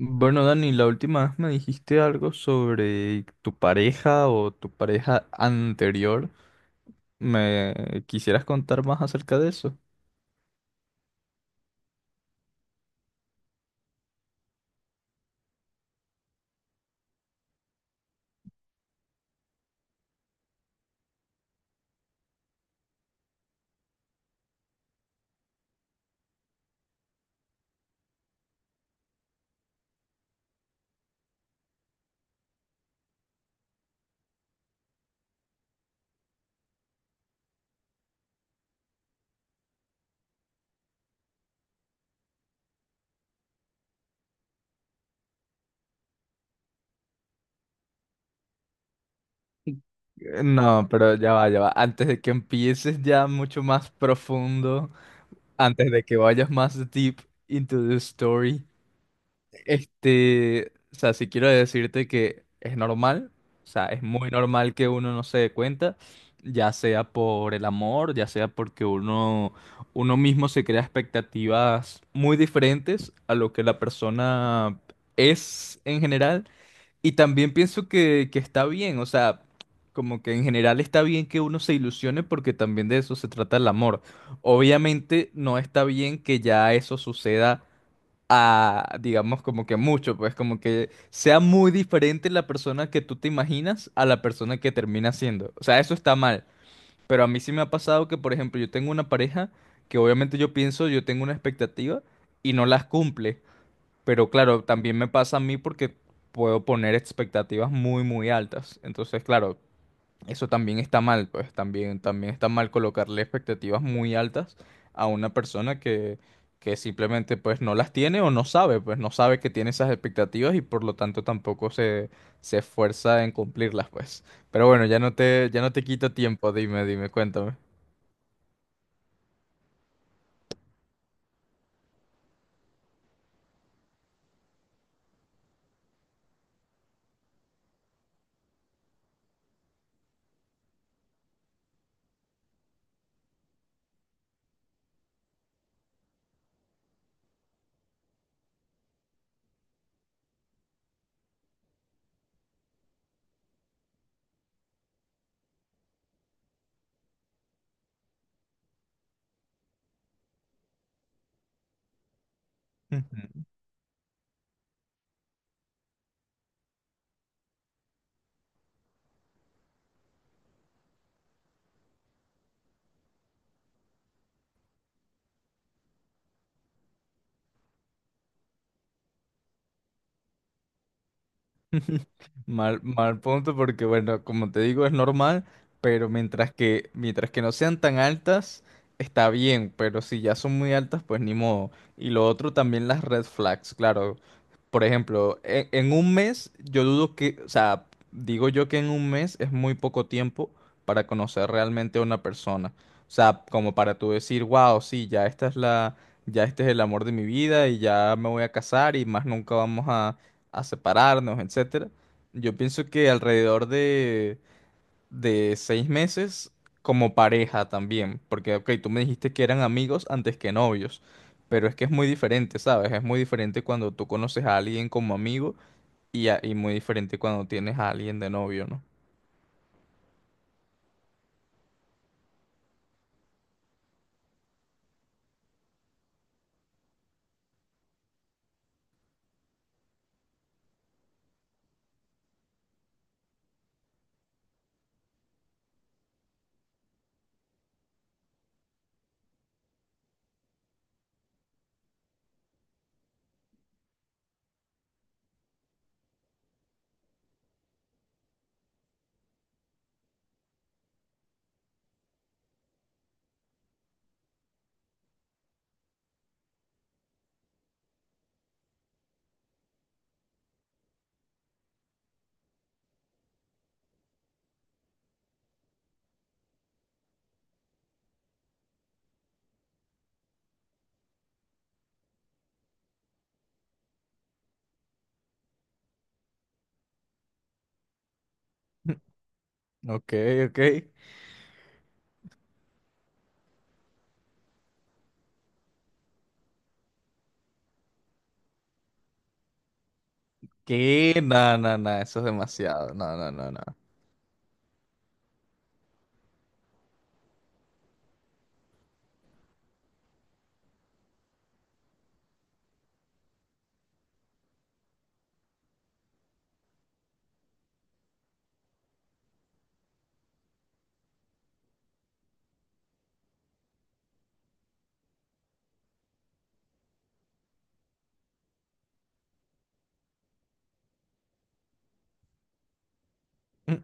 Bueno, Dani, la última vez me dijiste algo sobre tu pareja o tu pareja anterior. ¿Me quisieras contar más acerca de eso? No, pero ya va, ya va. Antes de que empieces ya mucho más profundo, antes de que vayas más deep into the story. O sea, si quiero decirte que es normal, o sea, es muy normal que uno no se dé cuenta, ya sea por el amor, ya sea uno mismo se crea expectativas muy diferentes a lo que la persona es en general. Y también pienso que está bien, o sea, como que en general está bien que uno se ilusione porque también de eso se trata el amor. Obviamente no está bien que ya eso suceda a, digamos, como que mucho, pues como que sea muy diferente la persona que tú te imaginas a la persona que termina siendo. O sea, eso está mal, pero a mí sí me ha pasado que, por ejemplo, yo tengo una pareja que obviamente yo pienso, yo tengo una expectativa y no las cumple, pero claro, también me pasa a mí porque puedo poner expectativas muy, muy altas. Entonces, claro, eso también está mal, pues también, también está mal colocarle expectativas muy altas a una persona que simplemente pues no las tiene o no sabe, pues no sabe que tiene esas expectativas y por lo tanto tampoco se, se esfuerza en cumplirlas, pues. Pero bueno, ya no te quito tiempo, dime, dime, cuéntame. Mal, mal punto porque, bueno, como te digo, es normal, pero mientras que no sean tan altas, está bien, pero si ya son muy altas, pues ni modo. Y lo otro también las red flags, claro. Por ejemplo, en, un mes, yo dudo que, o sea, digo yo que en un mes es muy poco tiempo para conocer realmente a una persona. O sea, como para tú decir, wow, sí, ya este es el amor de mi vida y ya me voy a casar y más nunca vamos a separarnos, etcétera. Yo pienso que de 6 meses como pareja también, porque, ok, tú me dijiste que eran amigos antes que novios, pero es que es muy diferente, ¿sabes? Es muy diferente cuando tú conoces a alguien como amigo y muy diferente cuando tienes a alguien de novio, ¿no? Ok, ok. ¿Qué? No, no, no, eso es demasiado. No, no, no, no. Mm,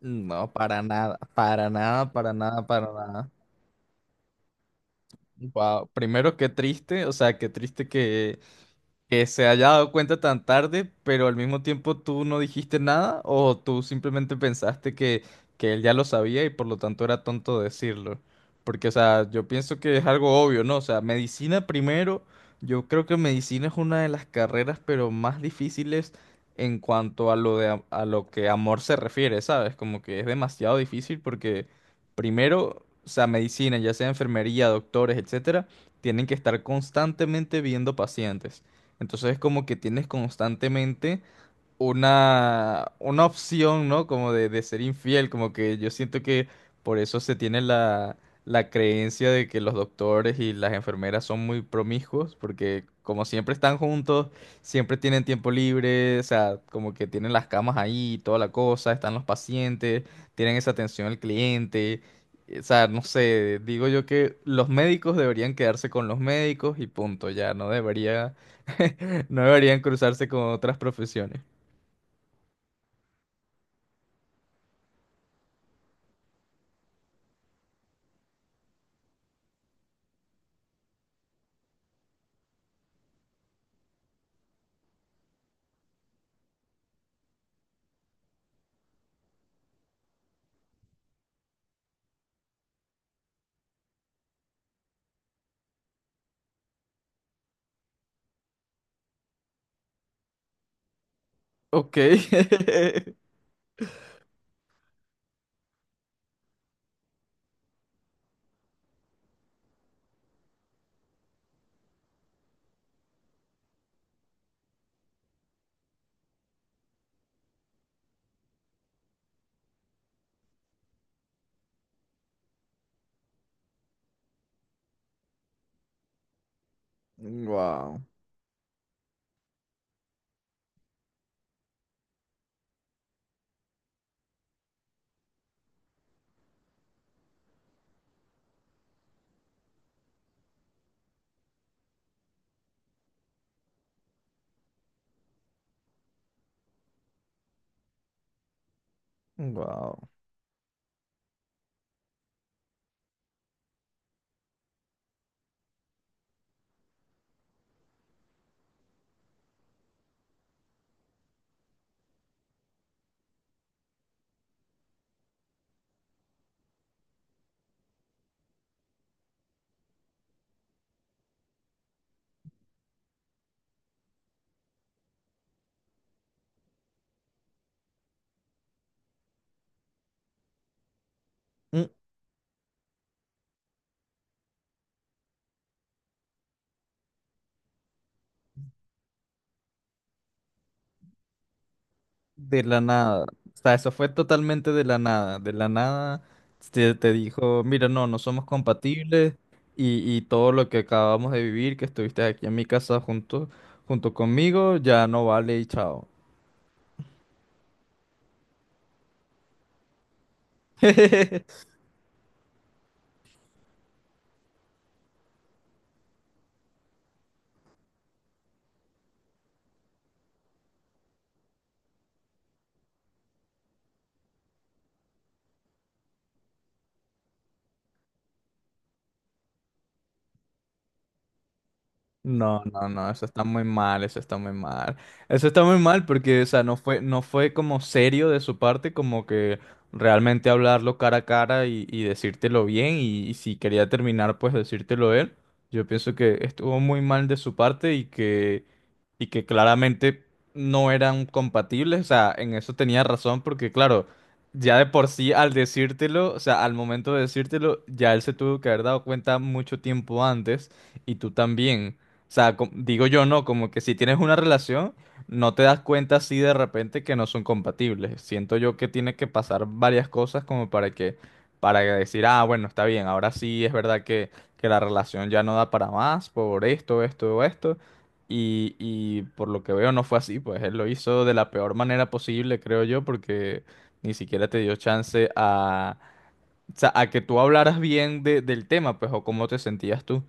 no, para nada, para nada, para nada, para nada. Wow, primero qué triste, o sea, qué triste que se haya dado cuenta tan tarde, pero al mismo tiempo tú no dijiste nada o tú simplemente que él ya lo sabía y por lo tanto era tonto decirlo. Porque, o sea, yo pienso que es algo obvio, ¿no? O sea, medicina primero, yo creo que medicina es una de las carreras, pero más difíciles en cuanto a lo que amor se refiere, ¿sabes? Como que es demasiado difícil porque primero, o sea, medicina, ya sea enfermería, doctores, etcétera, tienen que estar constantemente viendo pacientes. Entonces es como que tienes constantemente una opción, ¿no? Como de ser infiel, como que yo siento que por eso se tiene la creencia de que los doctores y las enfermeras son muy promiscuos, porque como siempre están juntos, siempre tienen tiempo libre, o sea, como que tienen las camas ahí, toda la cosa, están los pacientes, tienen esa atención al cliente. O sea, no sé, digo yo que los médicos deberían quedarse con los médicos y punto, ya no debería, no deberían cruzarse con otras profesiones. Ok. Wow, wow. Mm, de la nada. O sea, eso fue totalmente de la nada. De la nada te dijo, mira, no, no somos compatibles y todo lo que acabamos de vivir, que estuviste aquí en mi casa junto, junto conmigo, ya no vale y chao. No, no, no, eso está muy mal, eso está muy mal. Eso está muy mal porque, o sea, no fue como serio de su parte, como que realmente hablarlo cara a cara y decírtelo bien, y si quería terminar, pues decírtelo él. Yo pienso que estuvo muy mal de su parte y que claramente no eran compatibles. O sea, en eso tenía razón porque, claro, ya de por sí al decírtelo, o sea, al momento de decírtelo, ya él se tuvo que haber dado cuenta mucho tiempo antes y tú también. O sea, digo yo no, como que si tienes una relación, no te das cuenta así de repente que no son compatibles. Siento yo que tiene que pasar varias cosas como para para decir, ah, bueno, está bien, ahora sí es verdad que la relación ya no da para más por esto, esto, esto. Y por lo que veo no fue así, pues él lo hizo de la peor manera posible, creo yo, porque ni siquiera te dio chance a, o sea, a que tú hablaras bien del tema, pues, o cómo te sentías tú.